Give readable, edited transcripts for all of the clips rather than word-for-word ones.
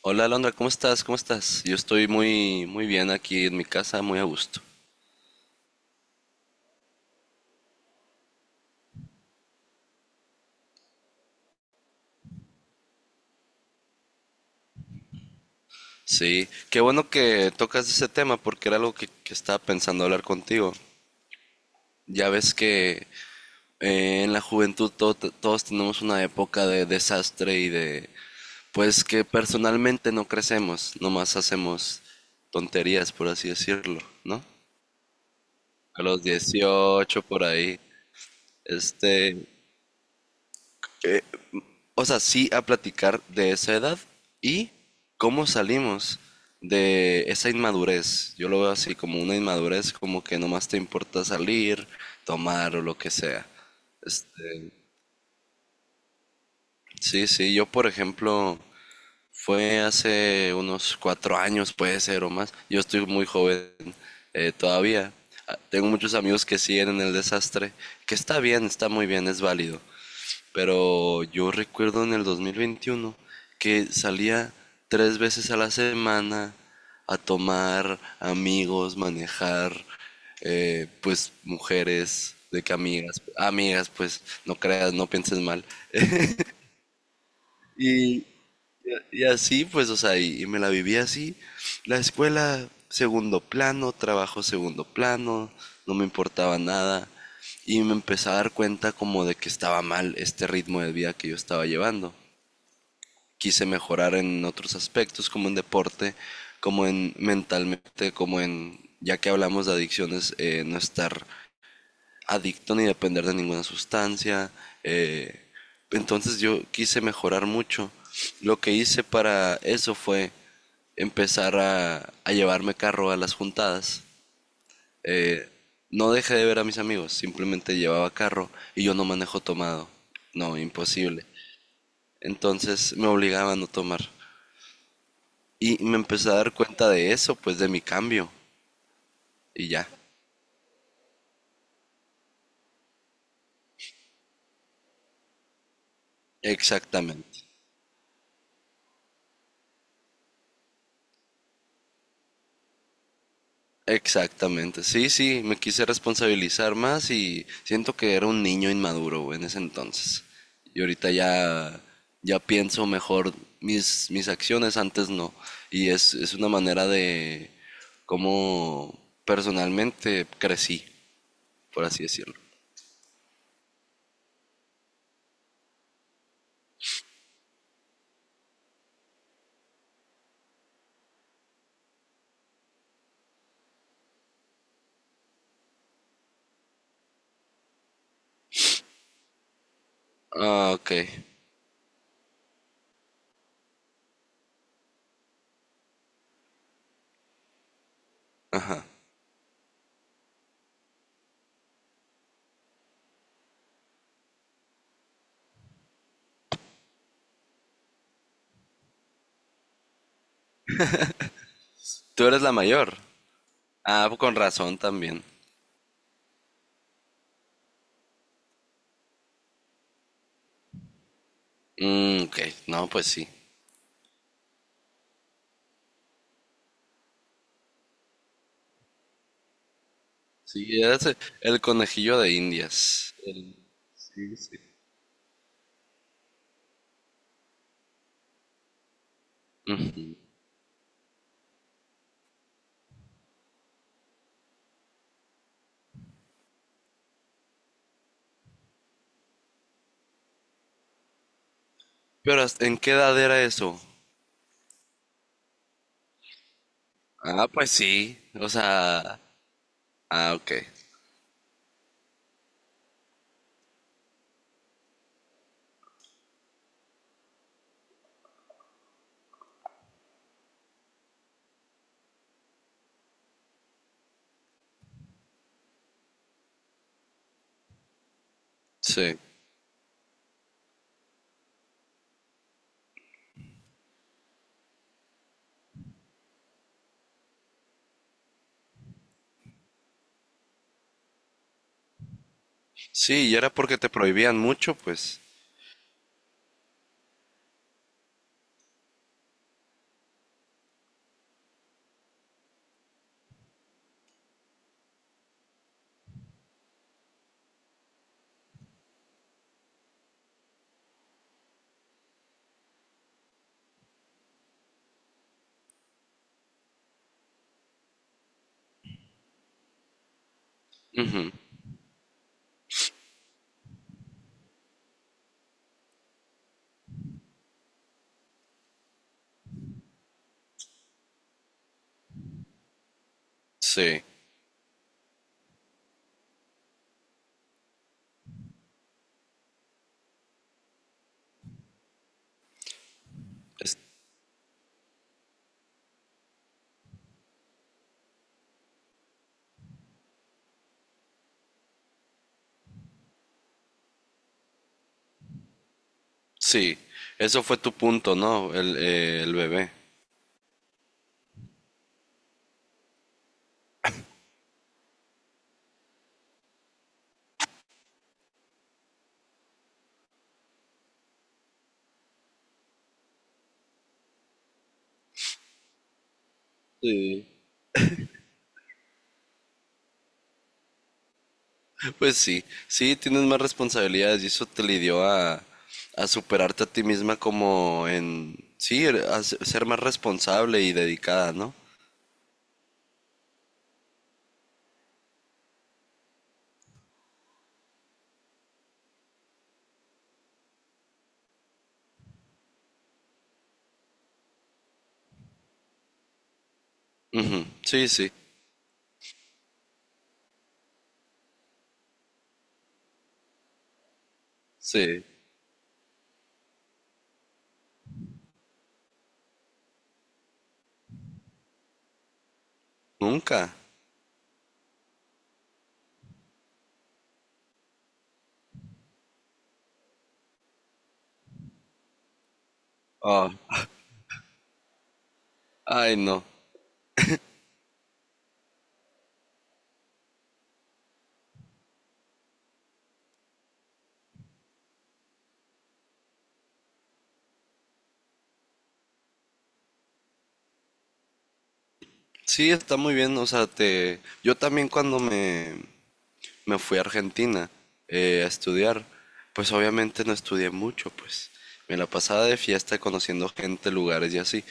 Hola Alondra, ¿cómo estás? ¿Cómo estás? Yo estoy muy, muy bien aquí en mi casa, muy a gusto. Sí, qué bueno que tocas ese tema porque era algo que estaba pensando hablar contigo. Ya ves que en la juventud todos tenemos una época de desastre y de, pues que personalmente no crecemos, nomás hacemos tonterías, por así decirlo, ¿no? A los 18 por ahí. Este, O sea, sí a platicar de esa edad y cómo salimos de esa inmadurez. Yo lo veo así como una inmadurez, como que nomás te importa salir, tomar o lo que sea. Este, sí, sí, yo por ejemplo, fue hace unos 4 años, puede ser o más. Yo estoy muy joven todavía. Ah, tengo muchos amigos que siguen en el desastre, que está bien, está muy bien, es válido. Pero yo recuerdo en el 2021 que salía 3 veces a la semana a tomar amigos, manejar, pues mujeres, de que amigas, amigas, pues no creas, no pienses mal. Y, y así, pues, o sea, y me la viví así. La escuela, segundo plano, trabajo, segundo plano, no me importaba nada. Y me empecé a dar cuenta como de que estaba mal este ritmo de vida que yo estaba llevando. Quise mejorar en otros aspectos, como en deporte, como en mentalmente, como en, ya que hablamos de adicciones, no estar adicto ni depender de ninguna sustancia. eh, entonces yo quise mejorar mucho. Lo que hice para eso fue empezar a llevarme carro a las juntadas. Eh, no dejé de ver a mis amigos, simplemente llevaba carro y yo no manejo tomado. No, imposible. Entonces me obligaba a no tomar. Y me empecé a dar cuenta de eso, pues de mi cambio. Y ya. Exactamente. Exactamente. Sí, sí, me quise responsabilizar más y siento que era un niño inmaduro güey, en ese entonces. Y ahorita ya, ya pienso mejor mis acciones, antes no. Y es una manera de cómo personalmente crecí, por así decirlo. Ah, ok. Ajá. Tú eres la mayor. Ah, con razón también. Mm, ok, no, pues sí. Sí, era ese, el conejillo de Indias. Pero ¿en qué edad era eso? Ah, pues sí. O sea, ah, ok. Sí. Sí, y era porque te prohibían mucho, pues. Ujú, sí. Es- sí. Eso fue tu punto, ¿no? El bebé. Sí. Pues sí. Sí, tienes más responsabilidades y eso te lidió a superarte a ti misma como en... Sí, a ser más responsable y dedicada, ¿no? Ujú, sí, sí. Sí. Nunca. Ah, ay, no. Sí, está muy bien. O sea, te... yo también cuando me fui a Argentina a estudiar, pues obviamente no estudié mucho, pues me la pasaba de fiesta conociendo gente, lugares y así.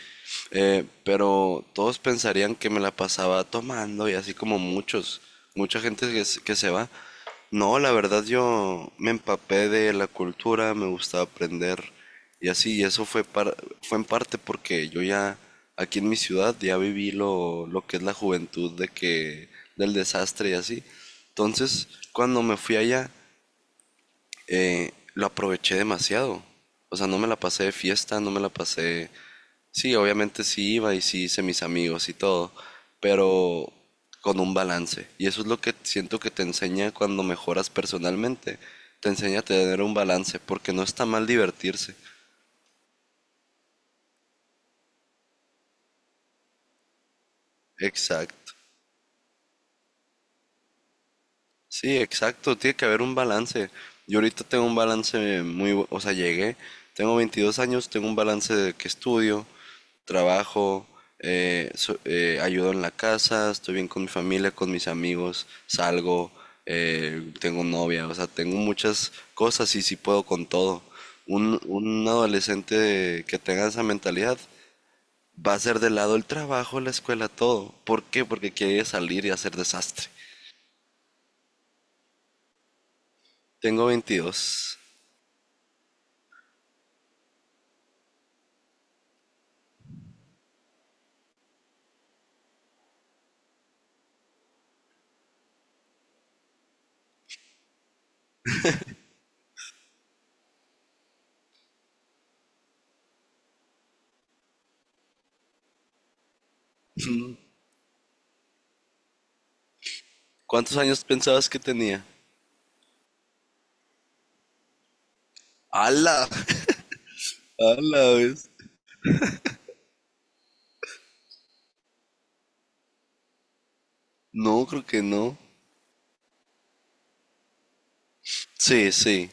Pero todos pensarían que me la pasaba tomando y así como mucha gente que, que se va. No, la verdad yo me empapé de la cultura, me gustaba aprender. Y así, eso fue, fue en parte porque yo ya, aquí en mi ciudad, ya viví lo que es la juventud de que, del desastre y así. Entonces, cuando me fui allá, lo aproveché demasiado. O sea, no me la pasé de fiesta, no me la pasé... Sí, obviamente sí iba y sí hice mis amigos y todo, pero con un balance. Y eso es lo que siento que te enseña cuando mejoras personalmente. Te enseña a tener un balance, porque no está mal divertirse. Exacto. Sí, exacto, tiene que haber un balance. Yo ahorita tengo un balance muy, o sea, llegué, tengo 22 años, tengo un balance de que estudio, trabajo, ayudo en la casa, estoy bien con mi familia, con mis amigos, salgo, tengo novia, o sea, tengo muchas cosas y sí puedo con todo. Un adolescente que tenga esa mentalidad va a ser de lado el trabajo, la escuela, todo. ¿Por qué? Porque quiere salir y hacer desastre. Tengo 22. ¿Cuántos años pensabas que tenía? ¡Hala! ¡Hala, ves! No, creo que no. Sí, sí.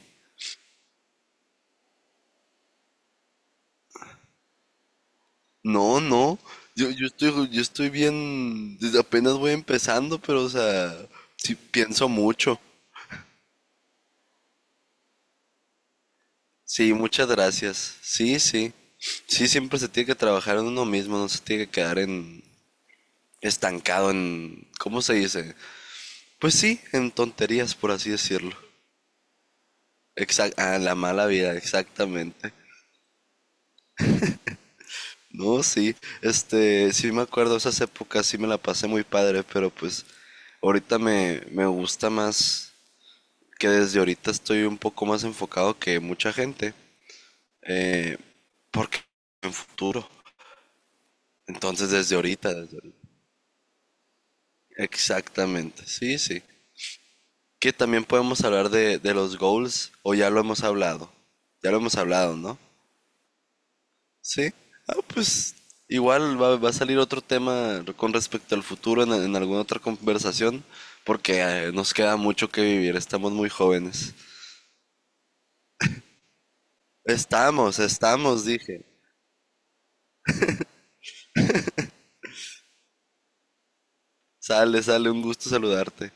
No, no. Yo estoy bien. Desde apenas voy empezando, pero, o sea, sí pienso mucho. Sí, muchas gracias. Sí, sí. Sí, siempre se tiene que trabajar en uno mismo, no se tiene que quedar en estancado en, ¿cómo se dice? Pues sí, en tonterías, por así decirlo. La mala vida, exactamente. No, sí, este, sí me acuerdo, esas épocas sí me la pasé muy padre, pero pues ahorita me gusta más que desde ahorita estoy un poco más enfocado que mucha gente, eh, porque en futuro, entonces desde ahorita, desde ahorita. Exactamente, sí, sí. Que también podemos hablar de los goals, o ya lo hemos hablado, ya lo hemos hablado, ¿no? Sí. Ah, pues igual va a salir otro tema con respecto al futuro en alguna otra conversación, porque nos queda mucho que vivir, estamos muy jóvenes. Estamos, estamos, dije. Sale, sale, un gusto saludarte.